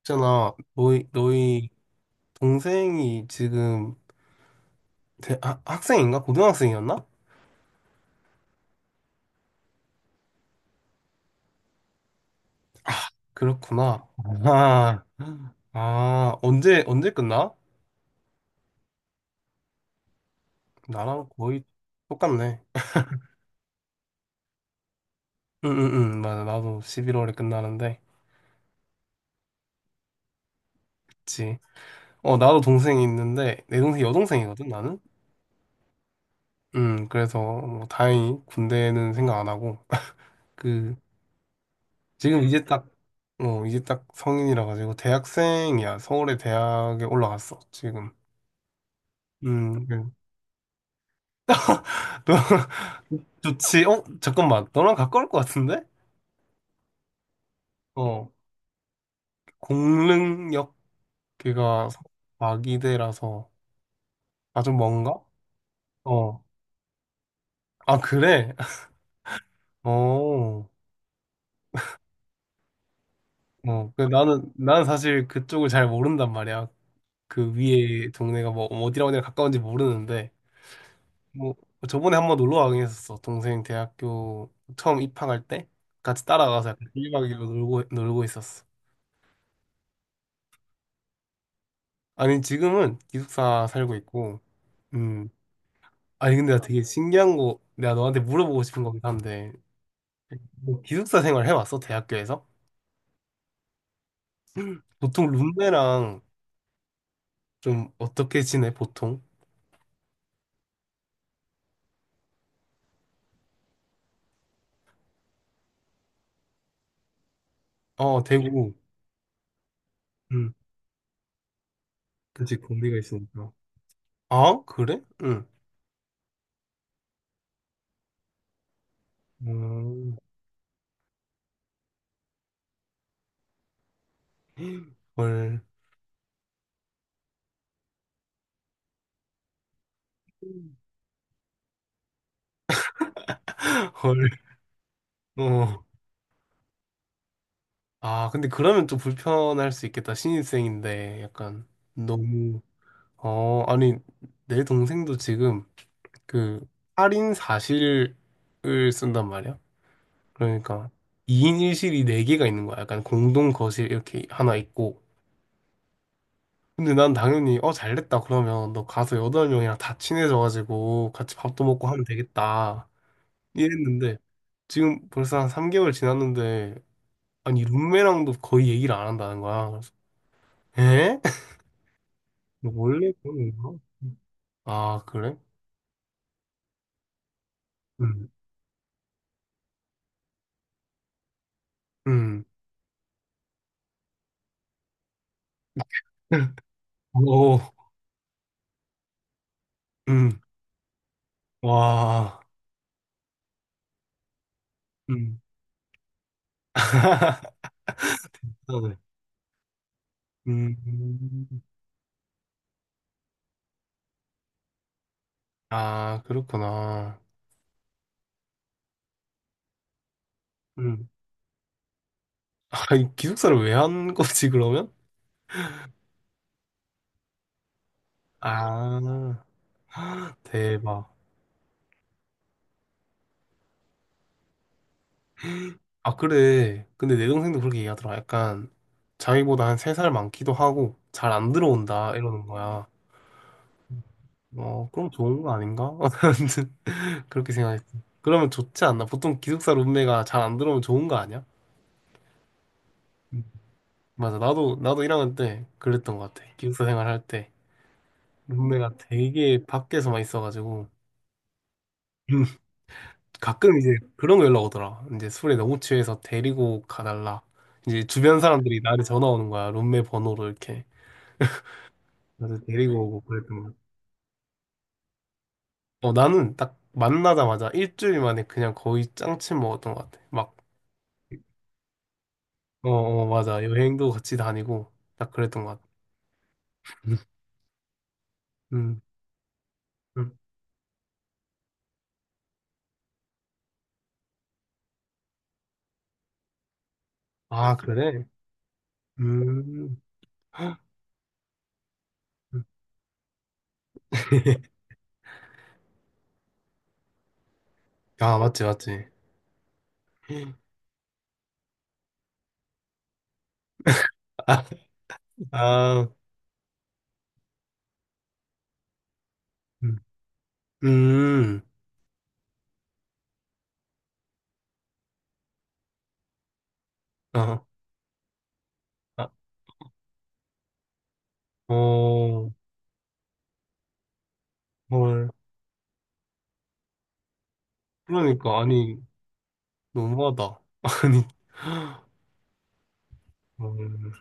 있잖아, 너희 동생이 지금 학생인가? 고등학생이었나? 그렇구나. 아, 아, 언제 끝나? 나랑 거의 똑같네. 응, 응, 응, 맞아. 나도 11월에 끝나는데. 그치. 어, 나도 동생이 있는데, 내 동생 여동생이거든, 나는? 응, 그래서 뭐 다행히 군대는 생각 안 하고. 그, 지금 이제 딱, 어, 이제 딱 성인이라 가지고 대학생이야. 서울의 대학에 올라갔어, 지금. 네. 좋지. 어, 잠깐만. 너랑 가까울 것 같은데? 어, 공릉역 걔가 마기대라서 아주 먼가? 어. 아, 그래? 어. 어. 그 나는 사실 그쪽을 잘 모른단 말이야. 그 위에 동네가 뭐 어디랑 어디랑 가까운지 모르는데 뭐 저번에 한번 놀러 가긴 했었어. 동생 대학교 처음 입학할 때 같이 따라가서 약간 1박 2일로 놀고 있었어. 아니 지금은 기숙사 살고 있고 음. 아니 근데 나 되게 신기한 거 내가 너한테 물어보고 싶은 거긴 한데 너 기숙사 생활 해봤어? 대학교에서? 보통 룸메랑 좀 어떻게 지내 보통? 어 대구 응 그치 공비가 있으니까 아 그래? 응 음, 헐. 헐. 어. 아, 근데 그러면 좀 불편할 수 있겠다. 신입생인데 약간 너무 어, 아니 내 동생도 지금 그 할인 사실을 쓴단 말이야. 그러니까 2인 1실이 4개가 있는 거야. 약간 공동 거실 이렇게 하나 있고. 근데 난 당연히 어 잘됐다 그러면 너 가서 여덟 명이랑 다 친해져가지고 같이 밥도 먹고 하면 되겠다. 이랬는데 지금 벌써 한 3개월 지났는데 아니 룸메랑도 거의 얘기를 안 한다는 거야. 그래서 에? 원래 그런 건가? 아 그래? 음. 음. 오. 음. 와. 음. 네. 음. 아, 그렇구나. 음. 아, 이 기숙사를 왜 한 거지, 그러면? 아, 대박. 아, 그래. 근데 내 동생도 그렇게 얘기하더라. 약간, 자기보다 한 3살 많기도 하고, 잘 안 들어온다, 이러는 거야. 어, 그럼 좋은 거 아닌가? 아무튼 그렇게 생각했어. 그러면 좋지 않나? 보통 기숙사 룸메가 잘 안 들어오면 좋은 거 아니야? 음. 맞아. 나도 1학년 때 그랬던 것 같아. 기숙사 생활할 때. 룸메가 되게 밖에서만 있어가지고. 가끔 이제 그런 거 연락 오더라. 이제 술에 너무 취해서 데리고 가달라. 이제 주변 사람들이 나한테 전화 오는 거야. 룸메 번호로 이렇게. 그래서 데리고 오고 그랬던 거야. 어, 나는 딱 만나자마자 일주일 만에 그냥 거의 짱친 먹었던 것 같아. 막, 어, 어, 맞아. 여행도 같이 다니고 딱 그랬던 것 같아. 음, 음. 아, 그래? 음. 아, 맞지, 맞지. 아, 아, 음, 음. 어, 아, 어, 헐. 그러니까 아니 너무하다. 아니 음,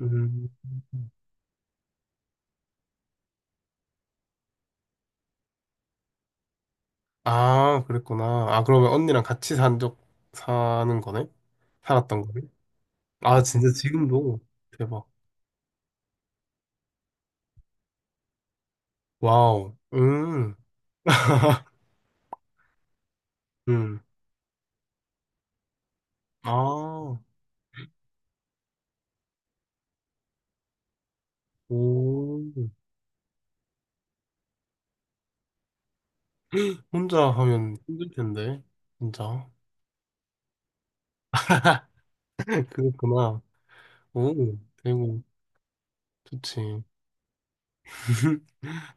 음. 아 그랬구나. 아 그러면 언니랑 같이 산 적 사는 거네? 살았던 거네? 아 진짜 지금도 대박. 와우. 음. 아, 오. 혼자 하면 힘들 텐데 진짜. 그렇구나. 오, 대구 좋지.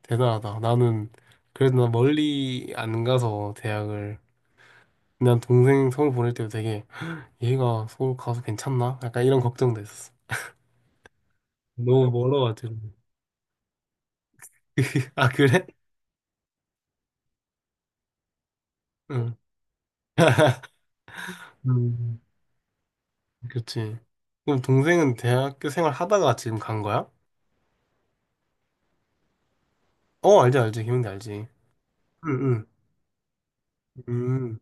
대단하다. 나는 그래도 나 멀리 안 가서 대학을 난 동생 서울 보낼 때도 되게 얘가 서울 가서 괜찮나? 약간 이런 걱정도 있었어. 너무 멀어가지고. 아, 그래? 응. 음. 그치. 그럼 동생은 대학교 생활 하다가 지금 간 거야? 어, 알지, 알지. 기명대 알지. 응, 응, 응,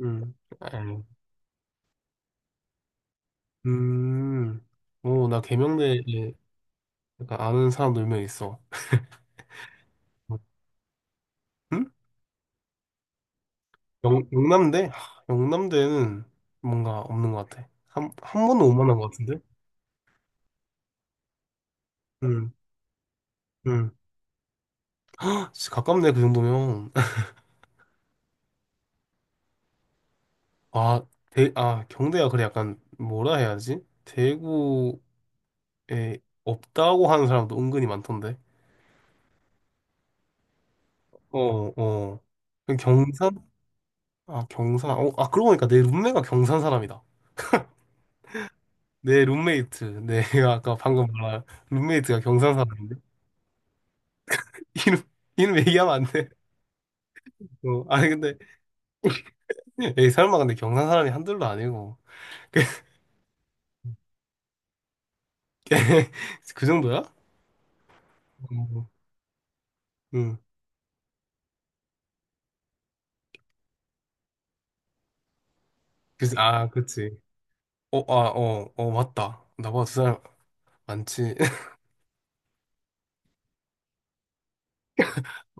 응. 아유. 음. 오, 나 계명대에 약간 아는 사람도 몇 명 있어. 응? 영, 영남대? 하, 영남대는 뭔가 없는 것 같아. 한 번도 못 만난 것 같은데? 응, 응. 헉, 진짜 가깝네, 그 정도면. 아, 대, 아, 경대가 그래 약간 뭐라 해야 하지? 대구에 없다고 하는 사람도 은근히 많던데. 어, 어, 어. 그 경산? 아, 경산. 어, 아, 그러고 보니까 내 룸메가 경산 사람이다. 내 룸메이트. 내가 아까 방금 말한 룸메이트가 경산 사람인데. 이름, 이름 얘기하면 안 돼. 어, 아니, 근데, 에이, 설마 근데 경산 사람이 한둘도 아니고. 그 정도야? 어, 응. 그치, 아, 그치. 어, 아, 어, 어, 맞다. 나보다 두 사람 많지.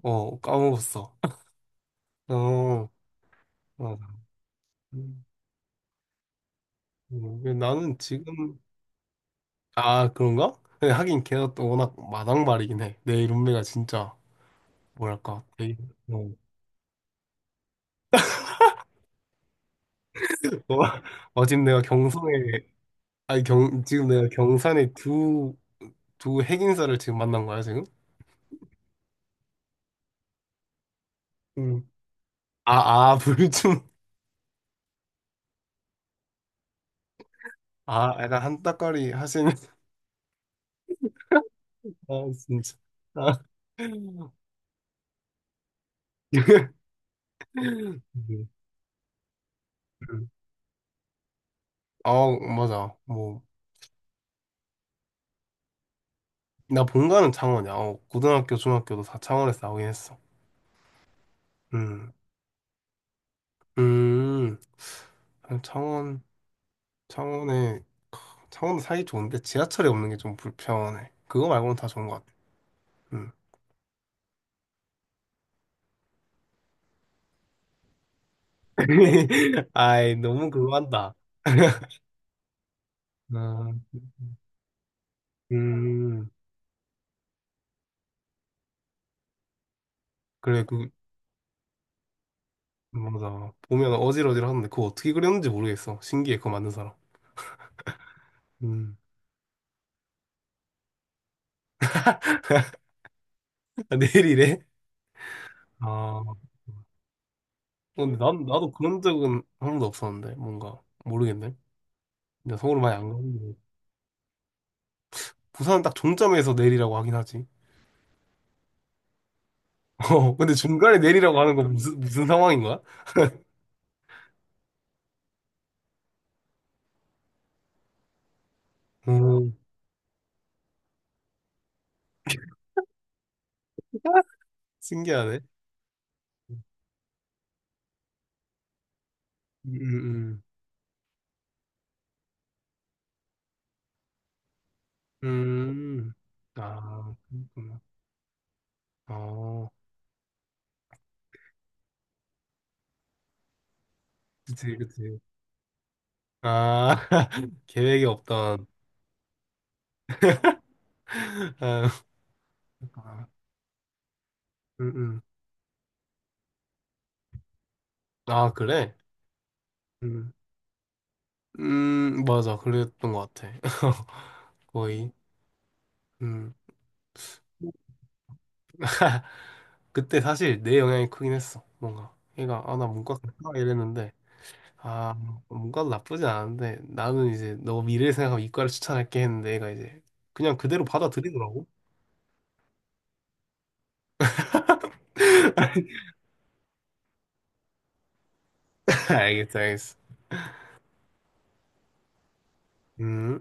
어, 까먹었어. 어, 어. 음, 나는 지금, 아, 그런가? 근데 하긴 걔가 또 워낙 마당발이긴 해. 내 룸메가 진짜, 뭐랄까, 되게, 어. 어, 지금 내가 경성에, 아니, 경, 지금 내가 경산에 두, 핵인사를 지금 만난 거야, 지금? 음. 아, 아, 불좀, 아, 약간 한따까리 하시는, 아, 진짜. 아. 음. 아, 맞아. 뭐. 나 본가는 창원이야. 어, 고등학교, 중학교도 다 창원에서 나오긴 했어. 음, 음, 창원, 창원에, 창원도 살기 좋은데 지하철이 없는 게 좀 불편해. 그거 말고는 다 좋은 것 같아. 음. 아이, 너무 그거 한다. 음, 음, 그래, 그, 맞아. 보면 어질어질하는데 그거 어떻게 그렸는지 모르겠어. 신기해, 그거 만든 사람. 음. 아, 내일이래? 아, 근데 난, 나도 그런 적은 한 번도 없었는데, 뭔가. 모르겠네. 근데 서울 많이 안 가는데. 부산은 딱 종점에서 내리라고 하긴 하지. 어, 근데 중간에 내리라고 하는 건 무슨 상황인 거야? 음, 신기하네. 음, 음, 음. 아... 아, 그렇구나. 어, 그치, 그치. 아, 계획이 없던. 아, 아, 음, 음. 아, 그래? 음, 맞아. 그랬던 것 같아. 거의. 음. 그때 사실 내 영향이 크긴 했어. 뭔가. 얘가, 아, 나 문과 갈까? 이랬는데. 아, 문과도 나쁘지 않은데 나는 이제 너 미래를 생각하면 이과를 추천할게 했는데 얘가 이제 그냥 그대로 받아들이더라고. 알겠어, 알겠어. 음.